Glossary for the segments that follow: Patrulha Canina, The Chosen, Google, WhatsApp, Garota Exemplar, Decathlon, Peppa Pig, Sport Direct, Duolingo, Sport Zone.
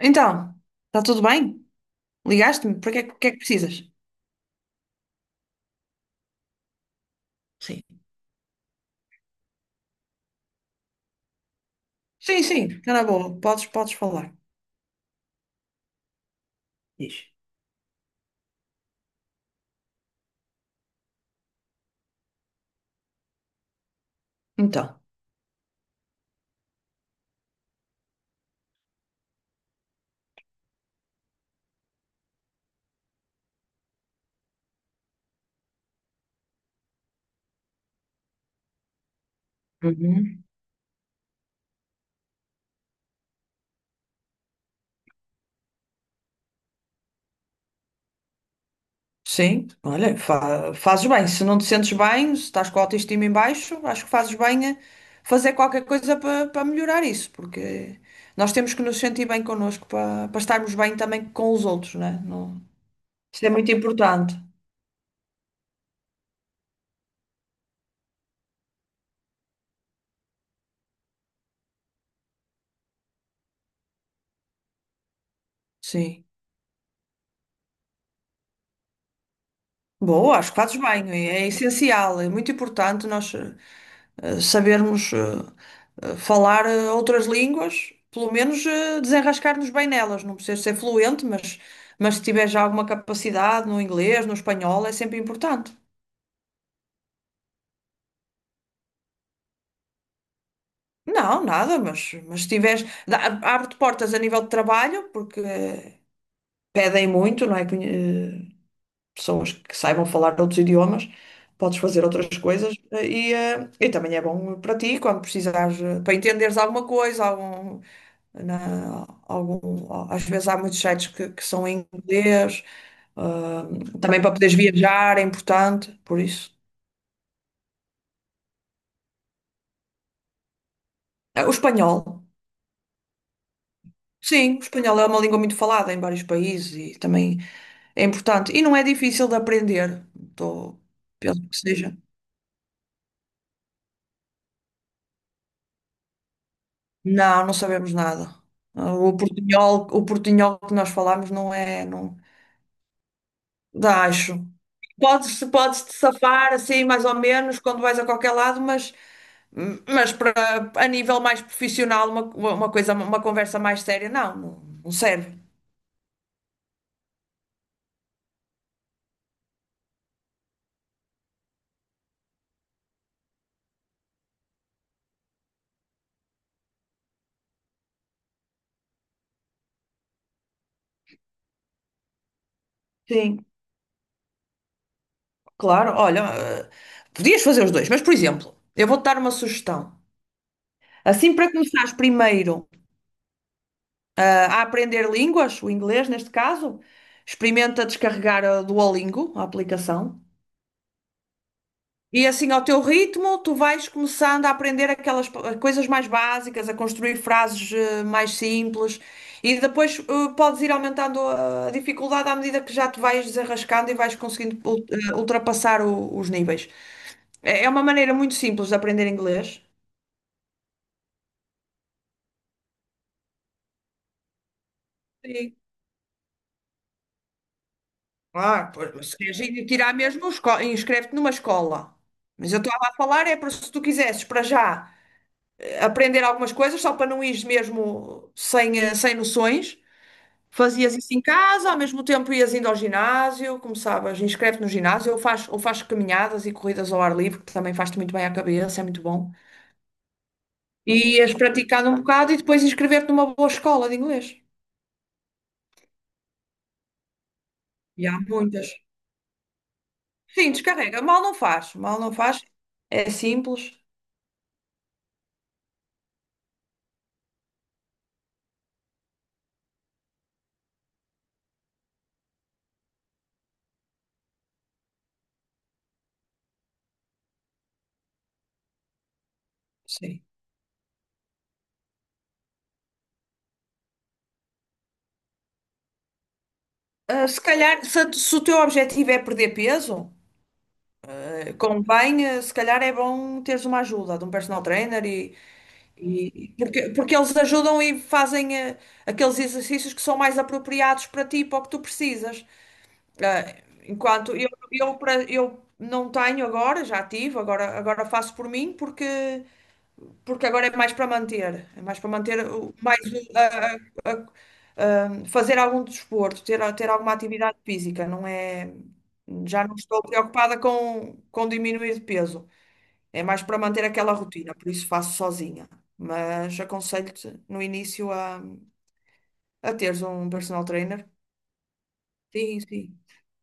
Então, está tudo bem? Ligaste-me? Para que é que precisas? Sim. Sim, sim, está na boa. Podes falar. Diz. Então, uhum. Sim, olha, fazes bem. Se não te sentes bem, se estás com a autoestima em baixo, acho que fazes bem a fazer qualquer coisa para melhorar isso, porque nós temos que nos sentir bem connosco para estarmos bem também com os outros, né? Não. Isso é muito importante. Sim. Boa, acho que fazes bem. É essencial, é muito importante nós sabermos falar outras línguas, pelo menos desenrascar-nos bem nelas. Não precisas ser fluente, mas se tiver já alguma capacidade no inglês, no espanhol, é sempre importante. Não, nada, mas se tiveres, abre-te portas a nível de trabalho, porque pedem muito, não é? Pessoas que saibam falar outros idiomas, podes fazer outras coisas e, e também é bom para ti quando precisares, para entenderes alguma coisa, às vezes há muitos sites que são em inglês, ah, também para poderes viajar é importante, por isso. Ah, o espanhol. Sim, o espanhol é uma língua muito falada em vários países e também é importante. E não é difícil de aprender. Tô- penso que seja. Não, não sabemos nada. Ah, o portunhol, o portunhol que nós falamos não é, não, dá, acho. Podes te safar assim mais ou menos quando vais a qualquer lado, mas para a nível mais profissional, uma coisa, uma conversa mais séria, não, não, não serve. Sim, claro. Olha, ah, podias fazer os dois, mas por exemplo, eu vou-te dar uma sugestão. Assim, para começares primeiro ah, a aprender línguas, o inglês neste caso, experimenta descarregar a Duolingo, a aplicação. E assim, ao teu ritmo, tu vais começando a aprender aquelas coisas mais básicas, a construir frases mais simples, e depois podes ir aumentando a dificuldade à medida que já te vais desenrascando e vais conseguindo ultrapassar os níveis. É uma maneira muito simples de aprender inglês. Sim. Ah, pois, mas se queres ir tirar mesmo, inscreve-te numa escola. Mas eu estava a falar é para se tu quisesses para já aprender algumas coisas, só para não ires mesmo sem, sem noções. Fazias isso em casa, ao mesmo tempo ias indo ao ginásio, começavas, inscreve-te no ginásio, ou faz caminhadas e corridas ao ar livre, que também faz-te muito bem à cabeça, é muito bom. E ias praticando um bocado e depois inscrever-te numa boa escola de inglês. E há muitas. Sim, descarrega, mal não faz, é simples, sim. Ah, se calhar, se, se o teu objetivo é perder peso, convém, se calhar é bom teres uma ajuda de um personal trainer e, porque, porque eles ajudam e fazem aqueles exercícios que são mais apropriados para ti, para o que tu precisas. Eh, enquanto eu não tenho agora, já tive, agora, agora faço por mim, porque, porque agora é mais para manter. É mais para manter, o- mais o- a- a- a- fazer algum desporto, ter, ter alguma atividade física. Não é, já não estou preocupada com diminuir de peso. É mais para manter aquela rotina, por isso faço sozinha. Mas aconselho-te no início a teres um personal trainer. Sim, sim.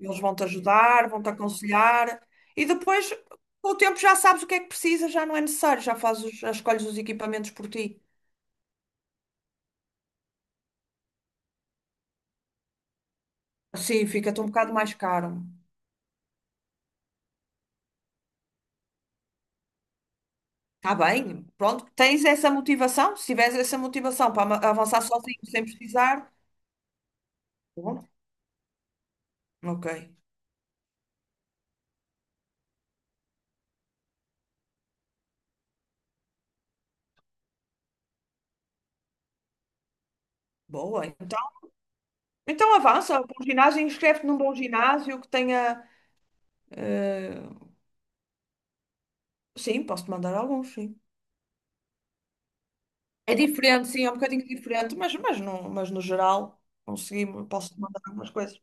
Eles vão-te ajudar, vão-te aconselhar. E depois, com o tempo, já sabes o que é que precisas, já não é necessário, já fazes, já escolhes os equipamentos por ti. Sim, fica-te um bocado mais caro. Está bem, pronto. Tens essa motivação? Se tiveres essa motivação para avançar sozinho, sem precisar, bom, ok. Boa, então. Então avança, para o ginásio, inscreve-te num bom ginásio que tenha. Sim, posso-te mandar alguns, sim. É ok. Diferente, sim, é um bocadinho diferente, mas no geral conseguimos, posso-te mandar algumas coisas.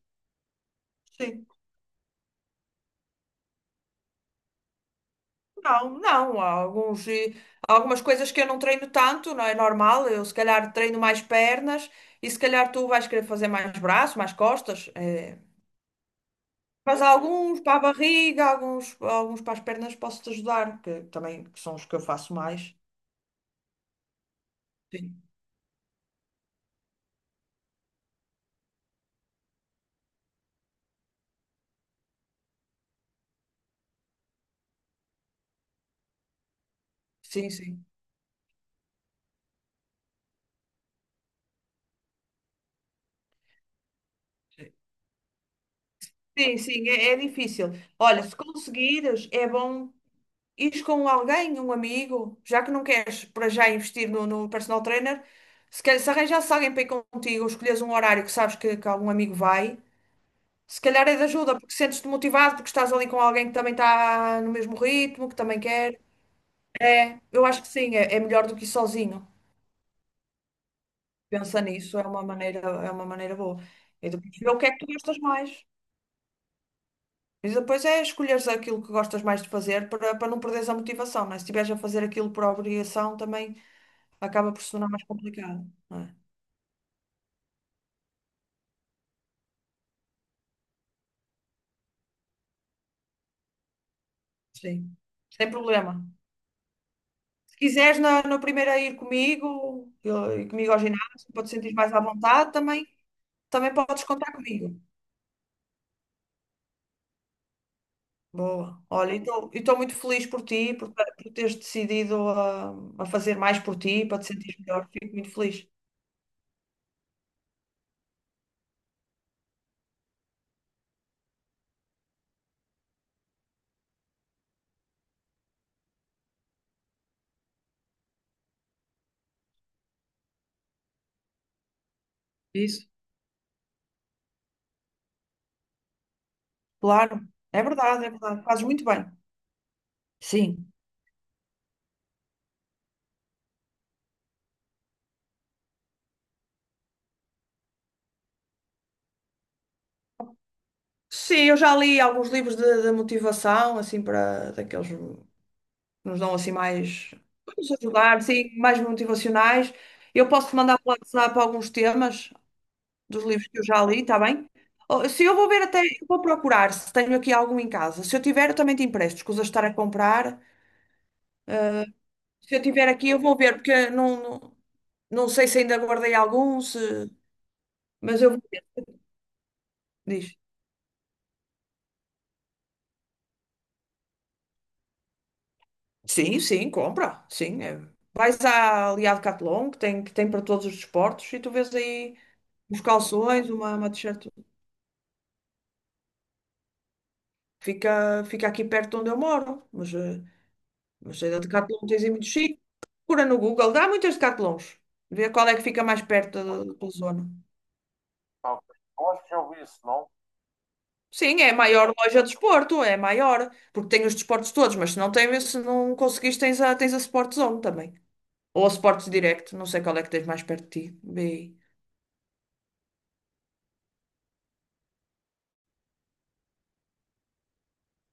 Sim. Não, não, há alguns, há algumas coisas que eu não treino tanto, não é normal. Eu se calhar treino mais pernas e se calhar tu vais querer fazer mais braço, mais costas. É. Mas há alguns para a barriga, alguns, alguns para as pernas posso-te ajudar, que também que são os que eu faço mais. Sim, sim, sim. Sim, sim, é, é difícil. Olha, se conseguires, é bom ires com alguém, um amigo, já que não queres para já investir no, no personal trainer, se, calhar, se arranjasse alguém para ir contigo, ou escolheres um horário que sabes que algum amigo vai, se calhar é de ajuda, porque sentes-te motivado, porque estás ali com alguém que também está no mesmo ritmo, que também quer. Eu acho que sim, é, é melhor do que ir sozinho. Pensa nisso, é uma maneira boa. E depois ver o que é que tu gostas mais. E depois é escolheres aquilo que gostas mais de fazer para, para não perderes a motivação, não é? Se estiveres a fazer aquilo por obrigação, também. Acaba por se tornar mais complicado, não é? Sim, sem problema. Se quiseres na, na primeira ir comigo, ir comigo ao ginásio, para te sentir mais à vontade também, também podes contar comigo. Boa. Olha, e estou muito feliz por ti, por teres decidido a fazer mais por ti, para te sentir melhor. Fico muito feliz. Isso. Claro, é verdade, é verdade. Fazes muito bem. Sim. Sim, eu já li alguns livros de motivação, assim, para daqueles. Que nos dão assim mais, para nos ajudar, sim, mais motivacionais. Eu posso te mandar pelo WhatsApp alguns temas dos livros que eu já li, está bem? Se eu vou ver até, eu vou procurar se tenho aqui algum em casa. Se eu tiver, eu também te empresto, escusa de estar a comprar. Se eu tiver aqui, eu vou ver, porque não, não, não sei se ainda guardei algum, se... mas eu vou. Diz. Sim, sim, compra, sim. É. Vais à, ali à Decathlon, que tem para todos os desportos, e tu vês aí uns calções, uma t-shirt. Fica, fica aqui perto onde eu moro, mas, mas a Decathlon tens em muitos sítios. Procura no Google, dá muitas Decathlons. Vê qual é que fica mais perto da, da tua zona. Sim, é a maior loja de desporto, é maior, porque tem os desportos todos, mas se não tem, se não conseguires, tens a, tens a Sport Zone também. Ou a Sport Direct, não sei qual é que tens mais perto de ti. Vê aí.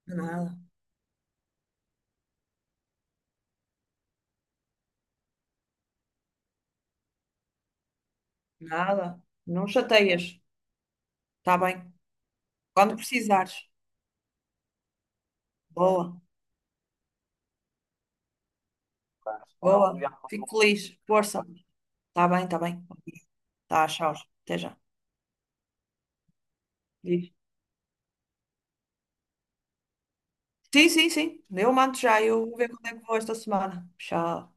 Nada, nada. Não chateias, está bem? Quando precisares. Boa, boa. Fico feliz. Força. Está bem, está bem. Tá, tchau. Até já. Sim, sim, sim. Eu mando já. Eu vou ver quando é que vou esta semana. Tchau.